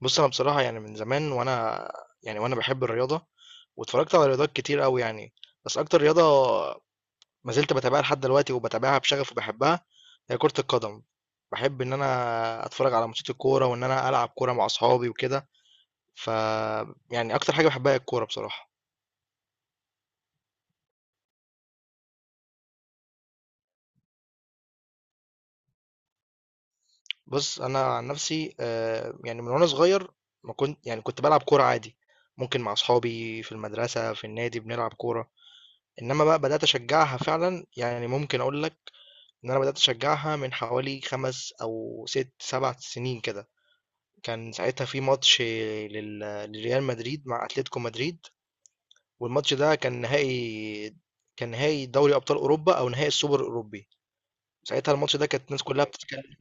بص انا بصراحه يعني من زمان وانا بحب الرياضه، واتفرجت على رياضات كتير قوي يعني. بس اكتر رياضه ما زلت بتابعها لحد دلوقتي وبتابعها بشغف وبحبها هي كره القدم. بحب ان انا اتفرج على ماتشات الكوره وان انا العب كوره مع اصحابي وكده. ف يعني اكتر حاجه بحبها هي الكوره بصراحه. بص انا عن نفسي، يعني من وانا صغير ما كنت، يعني كنت بلعب كوره عادي، ممكن مع اصحابي في المدرسه في النادي بنلعب كوره. انما بقى بدات اشجعها فعلا، يعني ممكن اقول لك إن أنا بدأت أشجعها من حوالي 5 أو 6، 7 سنين كده. كان ساعتها في ماتش لل لريال مدريد مع أتلتيكو مدريد، والماتش ده كان نهائي دوري أبطال أوروبا أو نهائي السوبر الأوروبي. ساعتها الماتش ده كانت الناس كلها بتتكلم.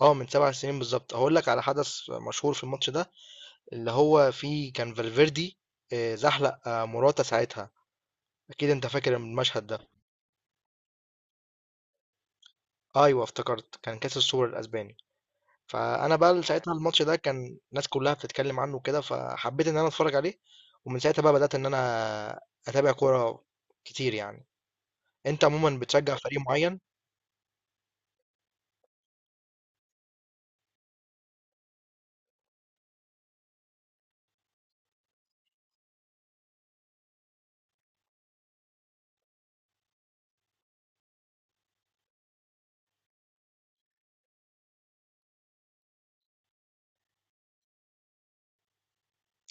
اه، من 7 سنين بالظبط. هاقول لك على حدث مشهور في الماتش ده، اللي هو فيه كان فالفيردي، زحلق، موراتا ساعتها. أكيد أنت فاكر المشهد ده. أيوه افتكرت، كان كأس السوبر الأسباني. فانا بقى ساعتها الماتش ده كان الناس كلها بتتكلم عنه كده، فحبيت ان انا اتفرج عليه. ومن ساعتها بقى بدأت ان انا اتابع كورة كتير يعني. انت عموما بتشجع فريق معين؟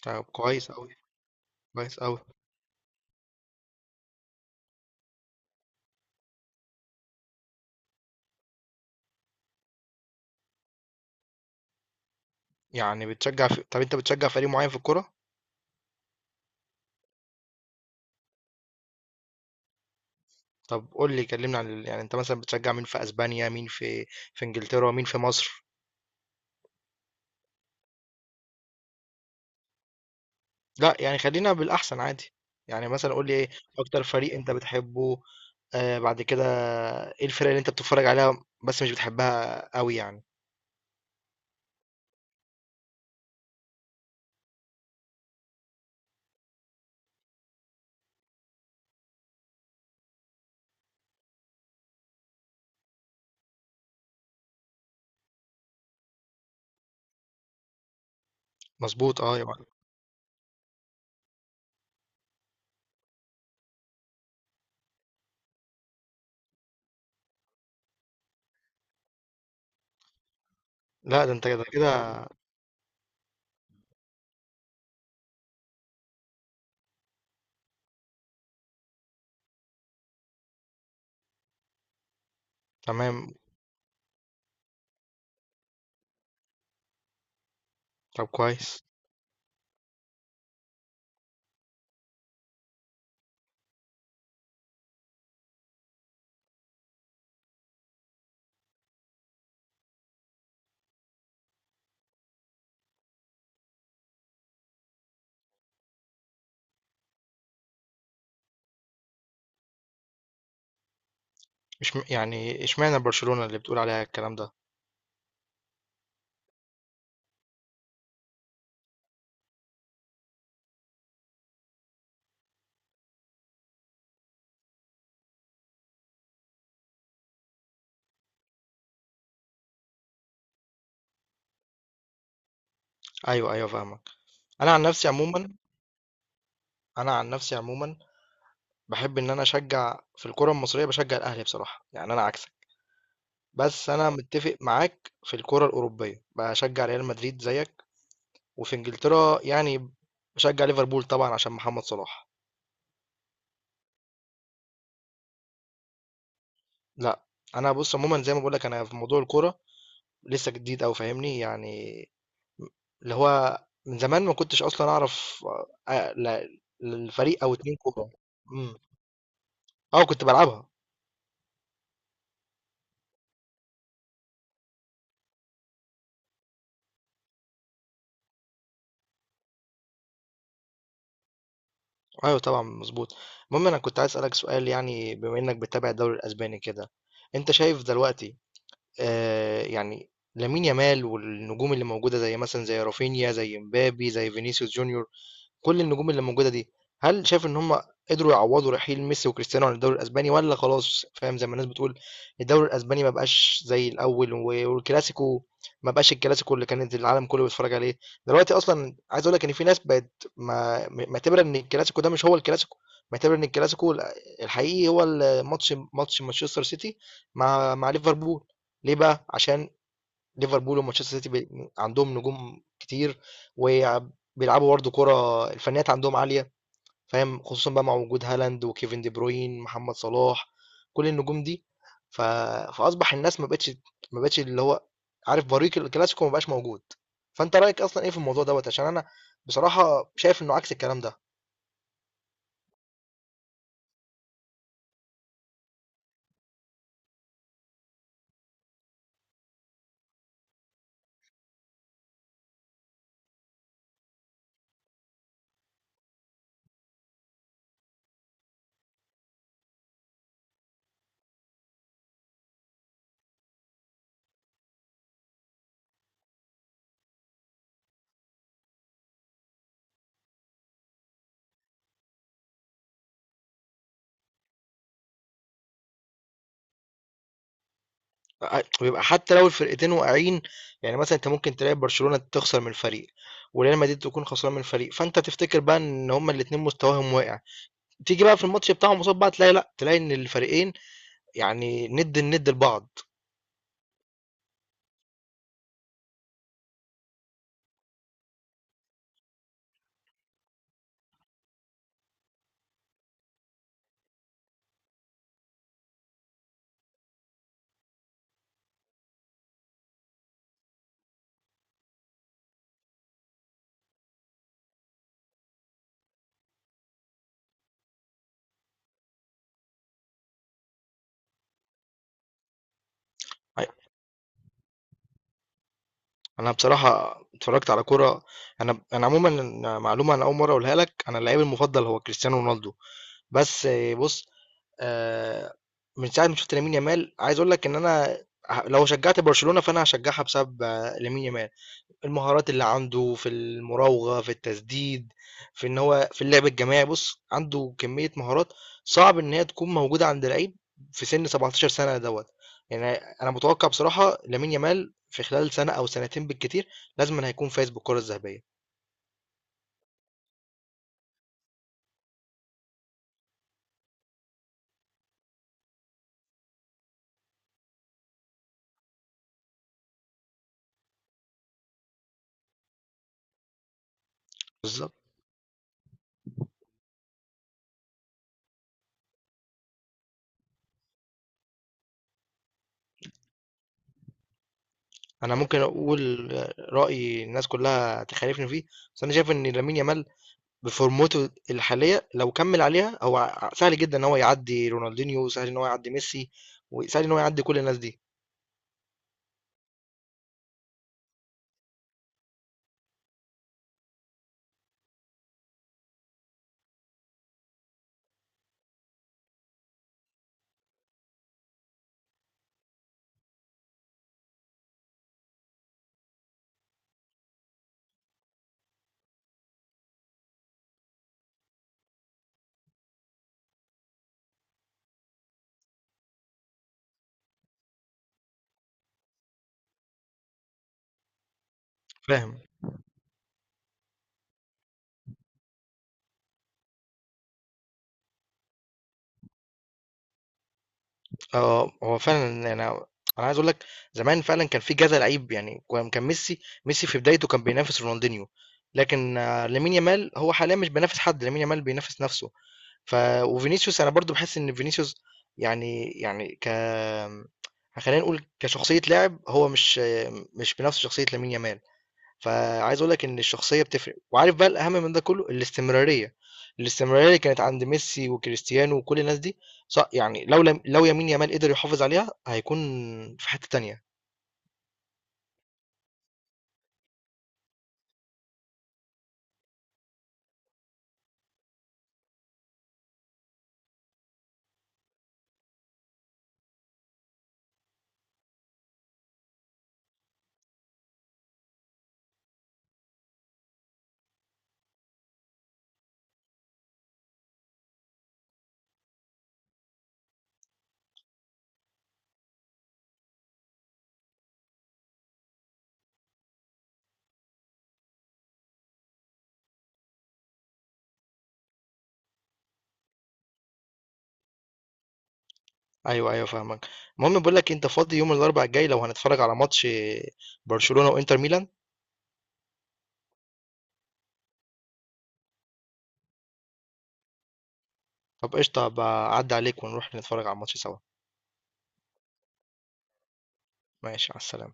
طب كويس قوي. كويس قوي. يعني طب انت بتشجع فريق معين في الكورة؟ طب قول لي، يعني انت مثلا بتشجع مين في اسبانيا، مين في انجلترا، مين في مصر؟ لا، يعني خلينا بالاحسن عادي. يعني مثلا قول لي ايه اكتر فريق انت بتحبه، بعد كده ايه الفرق اللي انت بتتفرج عليها بس مش بتحبها قوي يعني. مظبوط، اه، يا معلم. لا ده انت كده كده. تمام. طب كويس. مش م... يعني اشمعنى برشلونة اللي بتقول عليها الكلام ده؟ ايوه، ايوه، فاهمك. انا عن نفسي عموما انا عن نفسي عموما بحب ان انا اشجع في الكرة المصرية، بشجع الاهلي بصراحة، يعني انا عكسك. بس انا متفق معاك في الكرة الاوروبية، بشجع ريال مدريد زيك. وفي انجلترا يعني بشجع ليفربول طبعا عشان محمد صلاح. لا. انا بص عموما زي ما بقول لك انا في موضوع الكرة لسه جديد او فاهمني يعني. اللي هو من زمان ما كنتش اصلا اعرف، آه، لا- الفريق او اتنين كوره. امم. اه، كنت بلعبها. ايوه طبعا مظبوط. المهم انا كنت عايز اسالك سؤال، يعني بما انك بتتابع الدوري الاسباني كده، انت شايف دلوقتي، يعني، لامين يامال والنجوم اللي موجوده، زي مثلا زي رافينيا، زي مبابي، زي فينيسيوس جونيور، كل النجوم اللي موجودة دي، هل شايف إن هم قدروا يعوّضوا رحيل ميسي وكريستيانو عن الدوري الأسباني، والّا خلاص، فاهم، زي ما الناس بتقول الدوري الأسباني ما بقاش زي الأول، والكلاسيكو ما بقاش الكلاسيكو اللي كانت العالم كله بيتفرّج عليه؟ دلوقتي أصلًا عايز أقول لك إن في ناس بقت ما معتبرة إن الكلاسيكو ده مش هو الكلاسيكو، معتبرة إن الكلاسيكو الحقيقي هو ال ماتش ماتش مانشستر سيتي مع ليفربول. ليه بقى؟ عشان ليفربول ومانشستر سيتي عندهم نجوم كتير، وبيلعبوا برضه كرة، الفنيات عندهم عالية، فاهم، خصوصا بقى مع وجود هالاند وكيفن دي بروين محمد صلاح، كل النجوم دي. ف... فأصبح الناس ما بقتش، ما بقتش اللي هو عارف، بريق الكلاسيكو ما بقاش موجود. فأنت رأيك أصلا إيه في الموضوع دوت؟ عشان أنا بصراحة شايف إنه عكس الكلام ده. ويبقى حتى لو الفرقتين واقعين، يعني مثلا انت ممكن تلاقي برشلونة تخسر من فريق، وريال مدريد تكون خسران من فريق، فانت تفتكر بقى ان هما الاتنين مستواهم واقع. تيجي بقى في الماتش بتاعهم قصاد بعض، تلاقي لا، تلاقي ان الفريقين يعني ند الند لبعض. أيوة. انا بصراحه اتفرجت على كرة، انا عموما معلومه انا اول مره اقولها لك، انا اللعيب المفضل هو كريستيانو رونالدو. بس بص، آه، من ساعه ما شفت لامين يامال عايز اقول لك ان انا، لو شجعت برشلونه فانا هشجعها بسبب، لامين يامال. المهارات اللي عنده في المراوغة، في التسديد، في ان هو في اللعب الجماعي، بص عنده كمية مهارات صعب ان هي تكون موجودة عند لعيب في سن 17 سنة دوت. يعني انا متوقع بصراحة لامين يامال في خلال سنة او سنتين بالكتير لازم هيكون فايز بالكرة الذهبية. بالظبط. انا ممكن اقول رأي الناس كلها تخالفني فيه، بس انا شايف ان لامين يامال بفورمته الحالية لو كمل عليها هو سهل جدا ان هو يعدي رونالدينيو، سهل ان هو يعدي ميسي، وسهل ان هو يعدي كل الناس دي. فاهم. هو فعلًا أنا عايز أقول لك زمان فعلًا كان في كذا لعيب، يعني كان ميسي في بدايته كان بينافس رونالدينيو، لكن لامين يامال هو حاليًا مش بينافس حد، لامين يامال بينافس نفسه. ف وفينيسيوس أنا برضه باحس إن فينيسيوس يعني، يعني خلينا نقول كشخصية لاعب، هو مش بنفس شخصية لامين يامال. فعايز اقول لك ان الشخصيه بتفرق، وعارف بقى الاهم من ده كله الاستمراريه اللي كانت عند ميسي وكريستيانو وكل الناس دي. صح، يعني لو لم لو يمين يامال قدر يحافظ عليها هيكون في حته تانية. ايوه، ايوه، فاهمك. المهم بقول لك، انت فاضي يوم الاربعاء الجاي لو هنتفرج على ماتش برشلونه وانتر ميلان؟ طب قشطه، هبقى اعدي عليك ونروح نتفرج على الماتش سوا. ماشي، على السلامه.